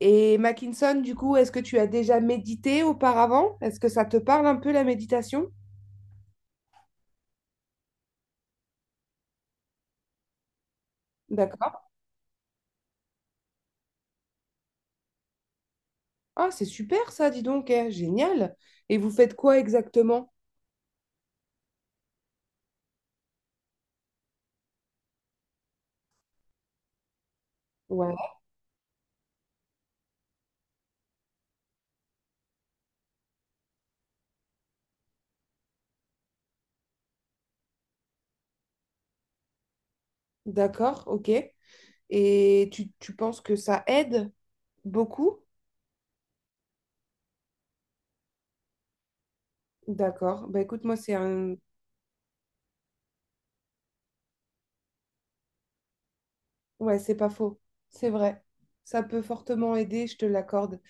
Et Mackinson, du coup, est-ce que tu as déjà médité auparavant? Est-ce que ça te parle un peu la méditation? D'accord. Ah, c'est super ça, dis donc, eh, génial. Et vous faites quoi exactement? Ouais, d'accord, ok. Et tu penses que ça aide beaucoup? D'accord. Bah écoute, moi, c'est un... Ouais, c'est pas faux. C'est vrai. Ça peut fortement aider, je te l'accorde.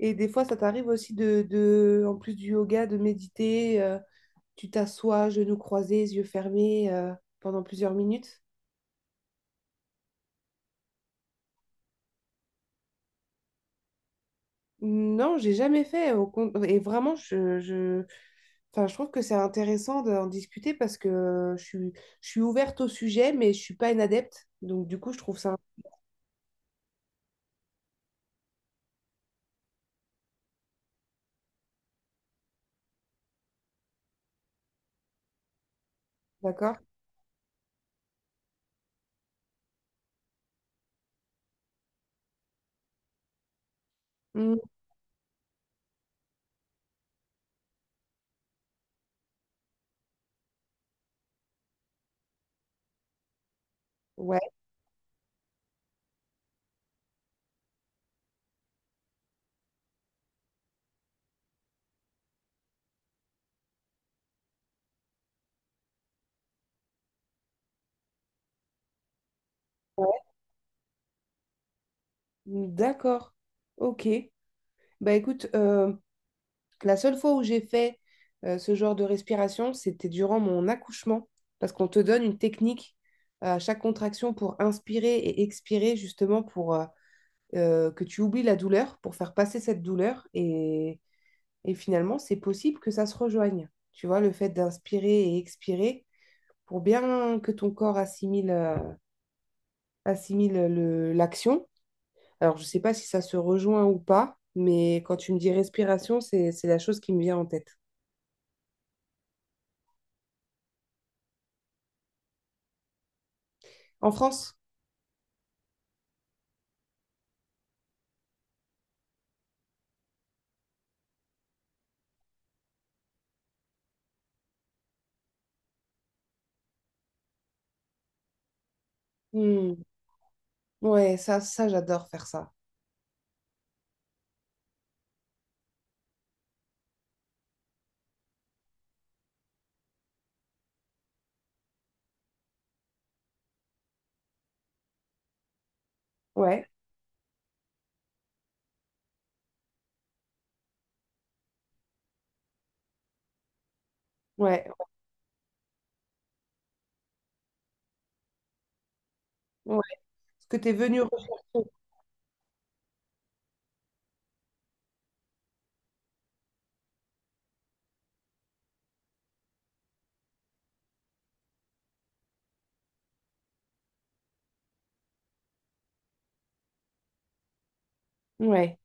Et des fois, ça t'arrive aussi en plus du yoga, de méditer. Tu t'assois, genoux croisés, yeux fermés pendant plusieurs minutes? Non, j'ai jamais fait. Et vraiment, je... Enfin, je trouve que c'est intéressant d'en discuter parce que je suis ouverte au sujet, mais je suis pas une adepte. Donc, du coup, je trouve ça... D'accord? Hmm, ouais, ouais. D'accord. Ok. Bah écoute, la seule fois où j'ai fait ce genre de respiration, c'était durant mon accouchement, parce qu'on te donne une technique à chaque contraction pour inspirer et expirer, justement pour que tu oublies la douleur, pour faire passer cette douleur. Et finalement, c'est possible que ça se rejoigne. Tu vois, le fait d'inspirer et expirer, pour bien que ton corps assimile, assimile l'action. Alors, je ne sais pas si ça se rejoint ou pas, mais quand tu me dis respiration, c'est la chose qui me vient en tête. En France. Hmm. Ouais, ça j'adore faire ça. Ouais, ouais, ouais. Ce que tu es venu rechercher. Ouais,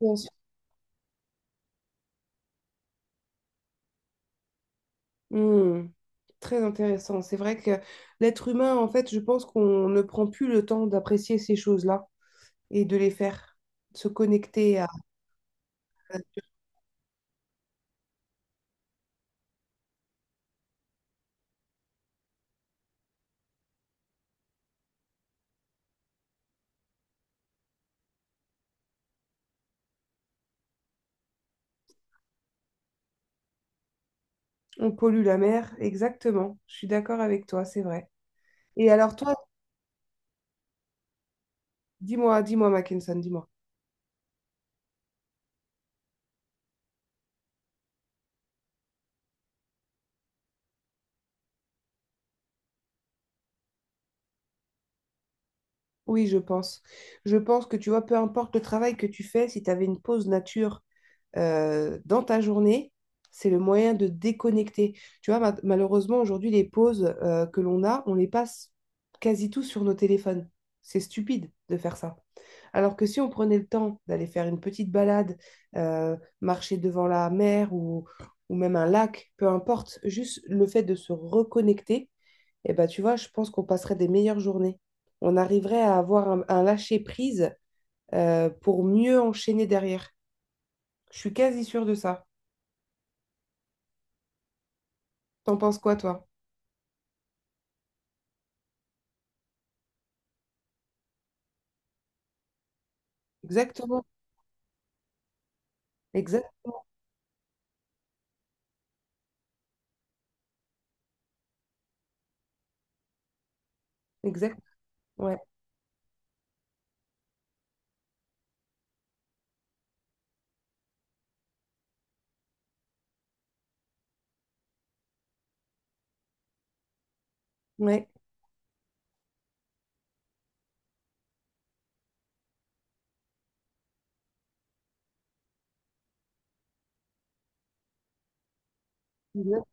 bien sûr. Hmm. Très intéressant. C'est vrai que l'être humain, en fait, je pense qu'on ne prend plus le temps d'apprécier ces choses-là et de les faire, de se connecter à... On pollue la mer, exactement. Je suis d'accord avec toi, c'est vrai. Et alors toi, dis-moi, dis-moi, Mackinson, dis-moi. Oui, je pense. Je pense que tu vois, peu importe le travail que tu fais, si tu avais une pause nature dans ta journée, c'est le moyen de déconnecter. Tu vois, malheureusement, aujourd'hui, les pauses que l'on a, on les passe quasi tous sur nos téléphones. C'est stupide de faire ça. Alors que si on prenait le temps d'aller faire une petite balade, marcher devant la mer ou même un lac, peu importe, juste le fait de se reconnecter, eh ben, tu vois, je pense qu'on passerait des meilleures journées. On arriverait à avoir un lâcher-prise pour mieux enchaîner derrière. Je suis quasi sûre de ça. T'en penses quoi, toi? Exactement. Exact. Exact. Ouais. Ouais. Exact.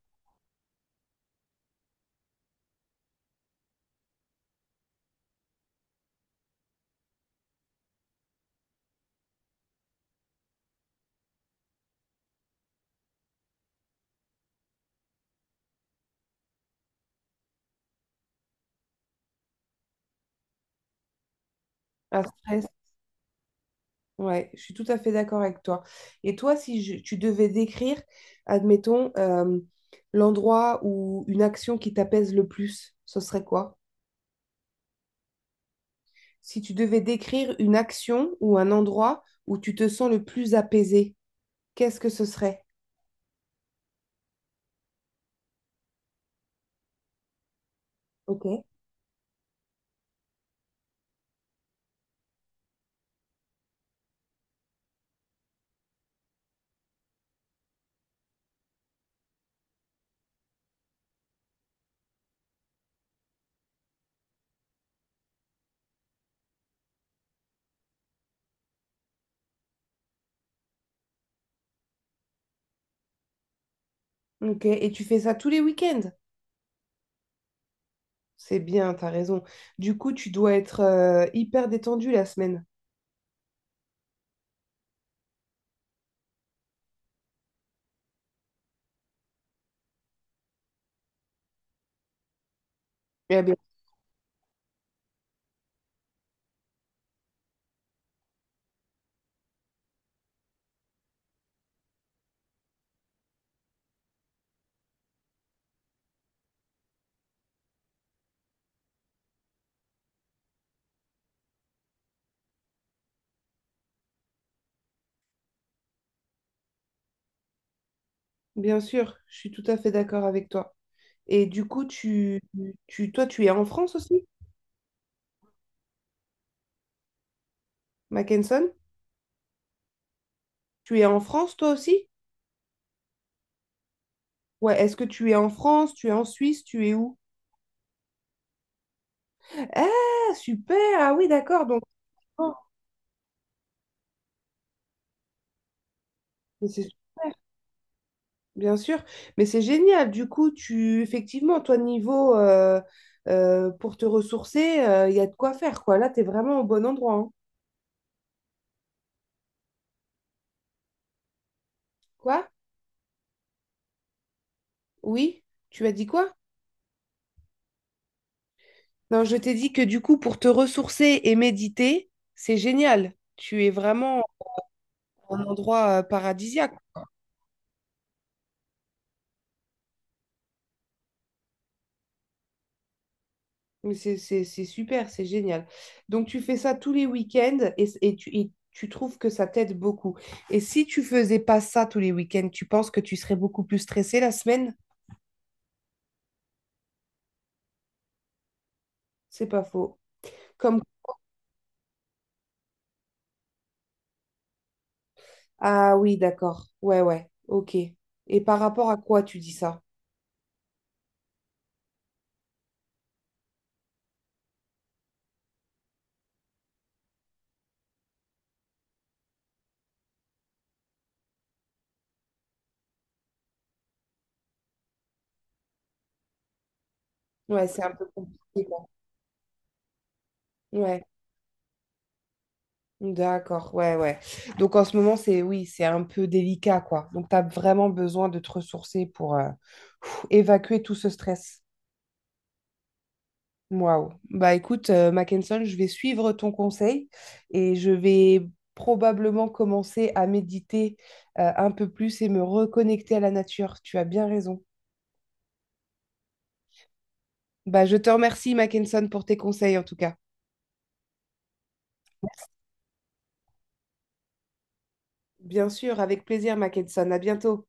Un stress. Ouais. Je suis tout à fait d'accord avec toi. Et toi, si je- tu devais décrire, admettons, l'endroit ou une action qui t'apaise le plus, ce serait quoi? Si tu devais décrire une action ou un endroit où tu te sens le plus apaisé, qu'est-ce que ce serait? Ok. Ok. Et tu fais ça tous les week-ends? C'est bien, t'as raison. Du coup, tu dois être hyper détendu la semaine. Eh bien, bien sûr, je suis tout à fait d'accord avec toi. Et du coup, toi, tu es en France aussi, Mackenson? Tu es en France, toi aussi? Ouais, est-ce que tu es en France, tu es en Suisse, tu es où? Ah, super! Ah oui, d'accord. Donc, oh, mais c'est super, bien sûr. Mais c'est génial. Du coup, tu, effectivement, toi, niveau, pour te ressourcer, il y a de quoi faire, quoi. Là, tu es vraiment au bon endroit, hein. Quoi? Oui? Tu as dit quoi? Non, je t'ai dit que du coup, pour te ressourcer et méditer, c'est génial. Tu es vraiment en endroit paradisiaque. Mais c'est super, c'est génial. Donc, tu fais ça tous les week-ends et, et tu trouves que ça t'aide beaucoup. Et si tu faisais pas ça tous les week-ends, tu penses que tu serais beaucoup plus stressé la semaine? C'est pas faux. Comme... Ah oui, d'accord. Ouais, ouais. Ok. Et par rapport à quoi tu dis ça? Ouais, c'est un peu compliqué. Ouais, d'accord, ouais, ouais. Donc en ce moment, c'est oui, c'est un peu délicat, quoi. Donc tu as vraiment besoin de te ressourcer pour pff, évacuer tout ce stress. Waouh. Bah écoute, Mackenson, je vais suivre ton conseil et je vais probablement commencer à méditer un peu plus et me reconnecter à la nature. Tu as bien raison. Bah je te remercie, Mackenson, pour tes conseils en tout cas. Bien sûr, avec plaisir, Mackenson. À bientôt.